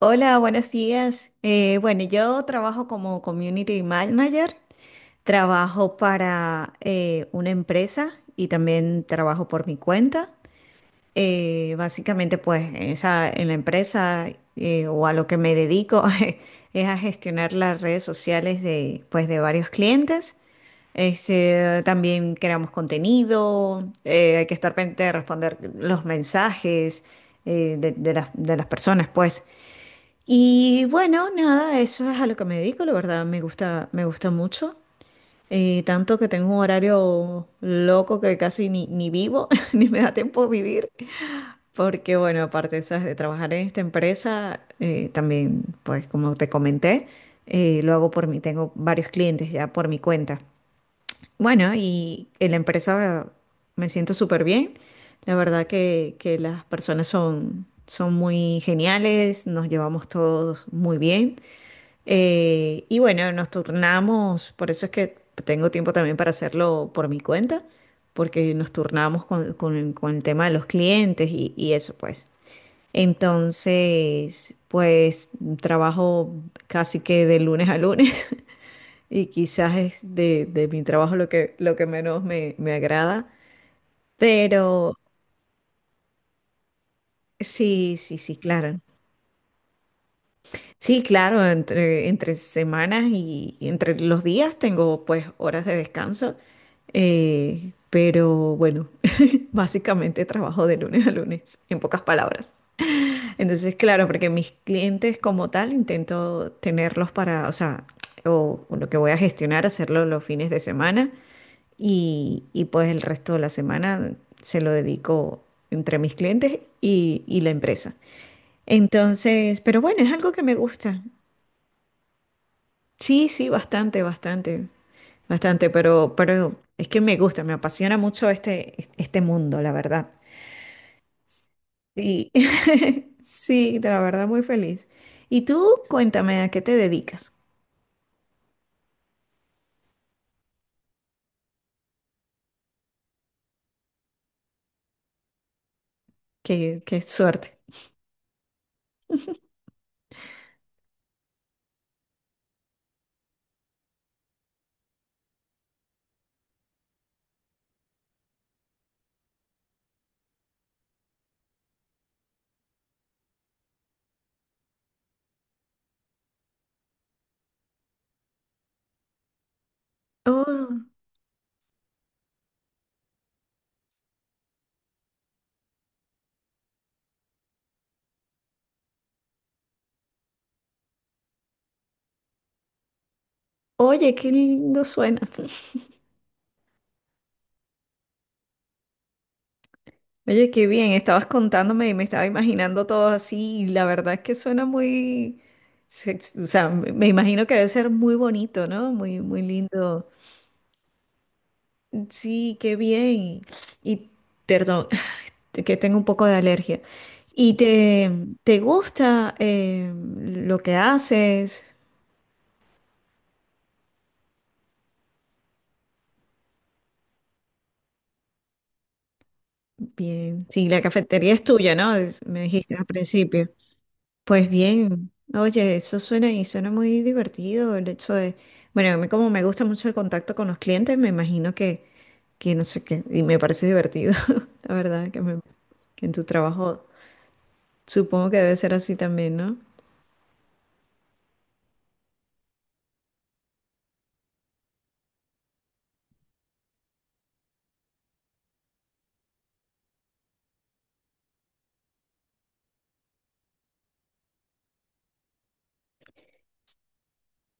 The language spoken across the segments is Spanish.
Hola, buenos días. Bueno, yo trabajo como Community Manager, trabajo para una empresa y también trabajo por mi cuenta. Básicamente, pues esa, en la empresa o a lo que me dedico es a gestionar las redes sociales pues, de varios clientes. Este, también creamos contenido, hay que estar pendiente de responder los mensajes de de las personas, pues. Y bueno, nada, eso es a lo que me dedico, la verdad, me gusta mucho. Tanto que tengo un horario loco que casi ni vivo, ni me da tiempo de vivir. Porque bueno, aparte, ¿sabes?, de trabajar en esta empresa, también, pues como te comenté, lo hago por mí, tengo varios clientes ya por mi cuenta. Bueno, y en la empresa me siento súper bien. La verdad que las personas son muy geniales, nos llevamos todos muy bien. Y bueno, nos turnamos, por eso es que tengo tiempo también para hacerlo por mi cuenta, porque nos turnamos con el tema de los clientes y eso pues. Entonces, pues trabajo casi que de lunes a lunes, y quizás es de mi trabajo lo lo que menos me agrada, pero sí, sí, sí, claro. Sí, claro, entre semanas y entre los días tengo pues horas de descanso, pero bueno, básicamente trabajo de lunes a lunes, en pocas palabras. Entonces, claro, porque mis clientes como tal intento tenerlos para, o sea, o lo que voy a gestionar, hacerlo los fines de semana. Y pues el resto de la semana se lo dedico entre mis clientes y la empresa. Entonces, pero bueno, es algo que me gusta. Sí, sí, bastante, bastante, bastante, pero es que me gusta, me apasiona mucho este, este mundo, la verdad. Sí, sí, de la verdad muy feliz. Y tú, cuéntame, ¿a qué te dedicas? Qué, qué suerte. Oh, oye, qué lindo suena. Oye, qué bien, estabas contándome y me estaba imaginando todo así, y la verdad es que suena muy, o sea, me imagino que debe ser muy bonito, ¿no? Muy, muy lindo. Sí, qué bien. Y perdón, que tengo un poco de alergia. ¿Y te gusta lo que haces? Bien. Sí, la cafetería es tuya, ¿no? Me dijiste al principio. Pues bien, oye, eso suena y suena muy divertido, el hecho de, bueno, a mí como me gusta mucho el contacto con los clientes, me imagino que no sé qué, y me parece divertido, la verdad, que en tu trabajo supongo que debe ser así también, ¿no?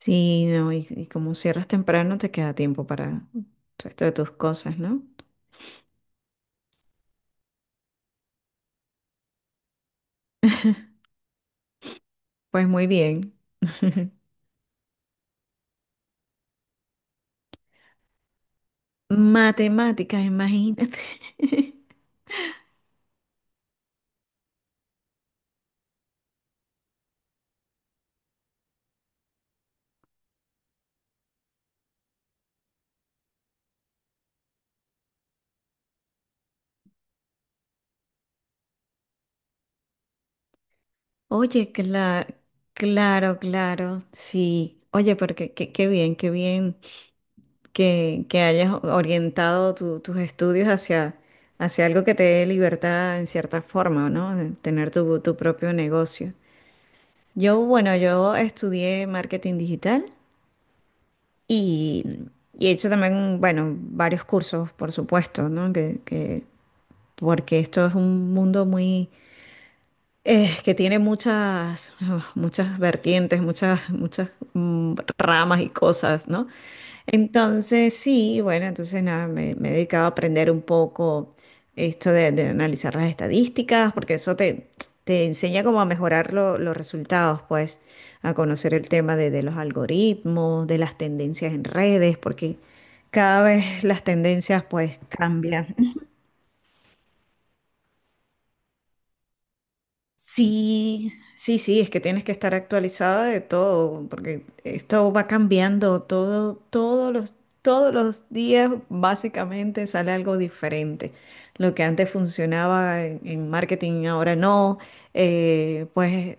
Sí, no, y como cierras temprano, te queda tiempo para el resto de tus cosas, ¿no? Pues muy bien. Matemáticas, imagínate. Oye, claro, claro, claro, sí. Oye, pero qué, qué bien que hayas orientado tus estudios hacia, hacia algo que te dé libertad en cierta forma, ¿no? De tener tu, tu propio negocio. Yo, bueno, yo estudié marketing digital y, y he hecho también, bueno, varios cursos, por supuesto, ¿no? Que, porque esto es un mundo muy que tiene muchas, muchas vertientes, muchas, ramas y cosas, ¿no? Entonces, sí, bueno, entonces nada, me he dedicado a aprender un poco esto de analizar las estadísticas, porque eso te enseña cómo a mejorar los resultados, pues, a conocer el tema de los algoritmos, de las tendencias en redes, porque cada vez las tendencias, pues, cambian. Sí, sí, sí, es que tienes que estar actualizada de todo, porque esto va cambiando todo, todos todos los días básicamente sale algo diferente. Lo que antes funcionaba en marketing, ahora no. eh, pues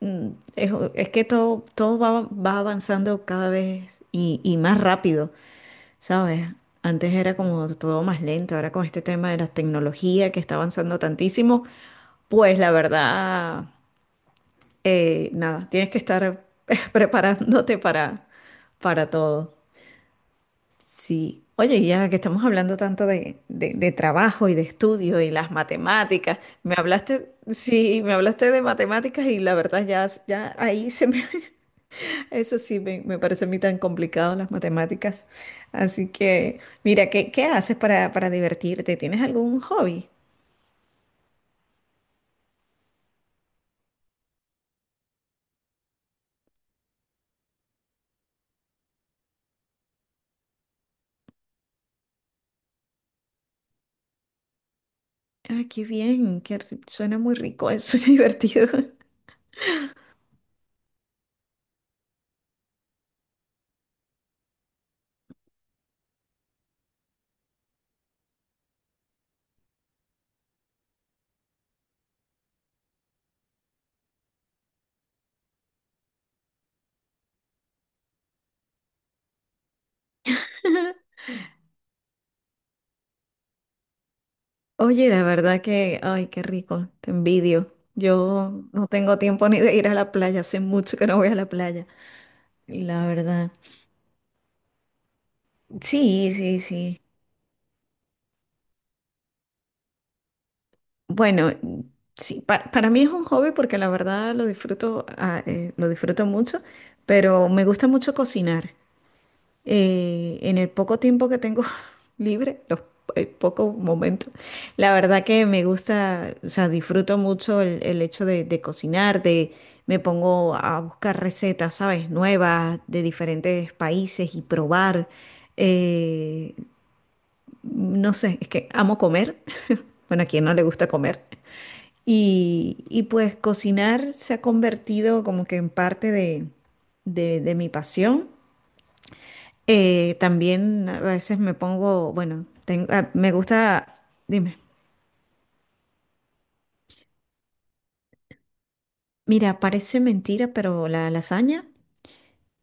mm, es que todo, todo va, va avanzando cada vez y más rápido. ¿Sabes? Antes era como todo más lento, ahora con este tema de la tecnología que está avanzando tantísimo, pues la verdad, nada, tienes que estar preparándote para todo. Sí. Oye, y ya que estamos hablando tanto de, de trabajo y de estudio y las matemáticas, me hablaste, sí, me hablaste de matemáticas y la verdad ya, ya ahí se me, eso sí me parece a mí tan complicado las matemáticas. Así que, mira, ¿qué, qué haces para divertirte? ¿Tienes algún hobby? Ah, qué bien, qué suena muy rico, suena divertido. Oye, la verdad que, ay, qué rico, te envidio. Yo no tengo tiempo ni de ir a la playa, hace mucho que no voy a la playa, la verdad. Sí, sí, sí. Bueno, sí, para mí es un hobby porque la verdad lo disfruto, lo disfruto mucho, pero me gusta mucho cocinar. En el poco tiempo que tengo libre, los pocos momentos, la verdad que me gusta, o sea, disfruto mucho el hecho de cocinar, de me pongo a buscar recetas, ¿sabes?, nuevas de diferentes países y probar. Eh, no sé, es que amo comer. Bueno, a quien no le gusta comer. Y pues cocinar se ha convertido como que en parte de, de mi pasión. También a veces me pongo, bueno, me gusta, dime, mira, parece mentira, pero la lasaña,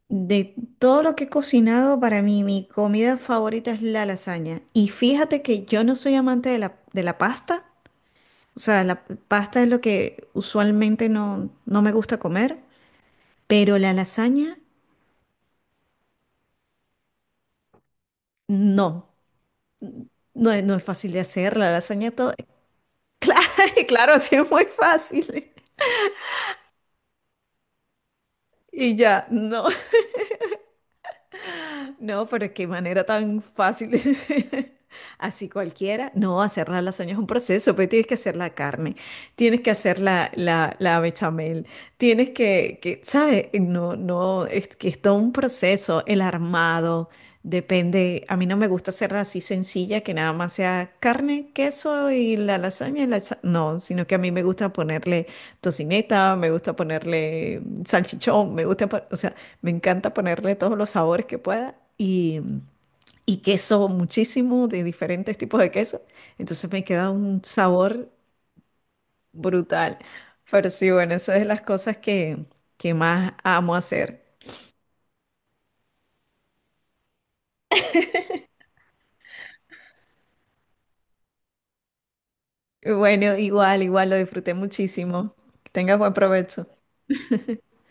de todo lo que he cocinado, para mí mi comida favorita es la lasaña. Y fíjate que yo no soy amante de de la pasta. O sea, la pasta es lo que usualmente no, no me gusta comer, pero la lasaña no. No es, no es fácil de hacer, la lasaña todo. Claro, claro, sí es muy fácil. Y ya, no. No, pero qué manera tan fácil. Así cualquiera. No, hacer la lasaña es un proceso, pues tienes que hacer la carne, tienes que hacer la, la bechamel, tienes que, ¿sabes? No, no, es que es todo un proceso, el armado, depende. A mí no me gusta hacerla así sencilla, que nada más sea carne, queso y la lasaña. No, sino que a mí me gusta ponerle tocineta, me gusta ponerle salchichón, me gusta, o sea, me encanta ponerle todos los sabores que pueda y queso muchísimo de diferentes tipos de queso. Entonces me queda un sabor brutal. Pero sí, bueno, esa es de las cosas que más amo hacer. Y bueno, igual, igual lo disfruté muchísimo. Que tengas buen provecho.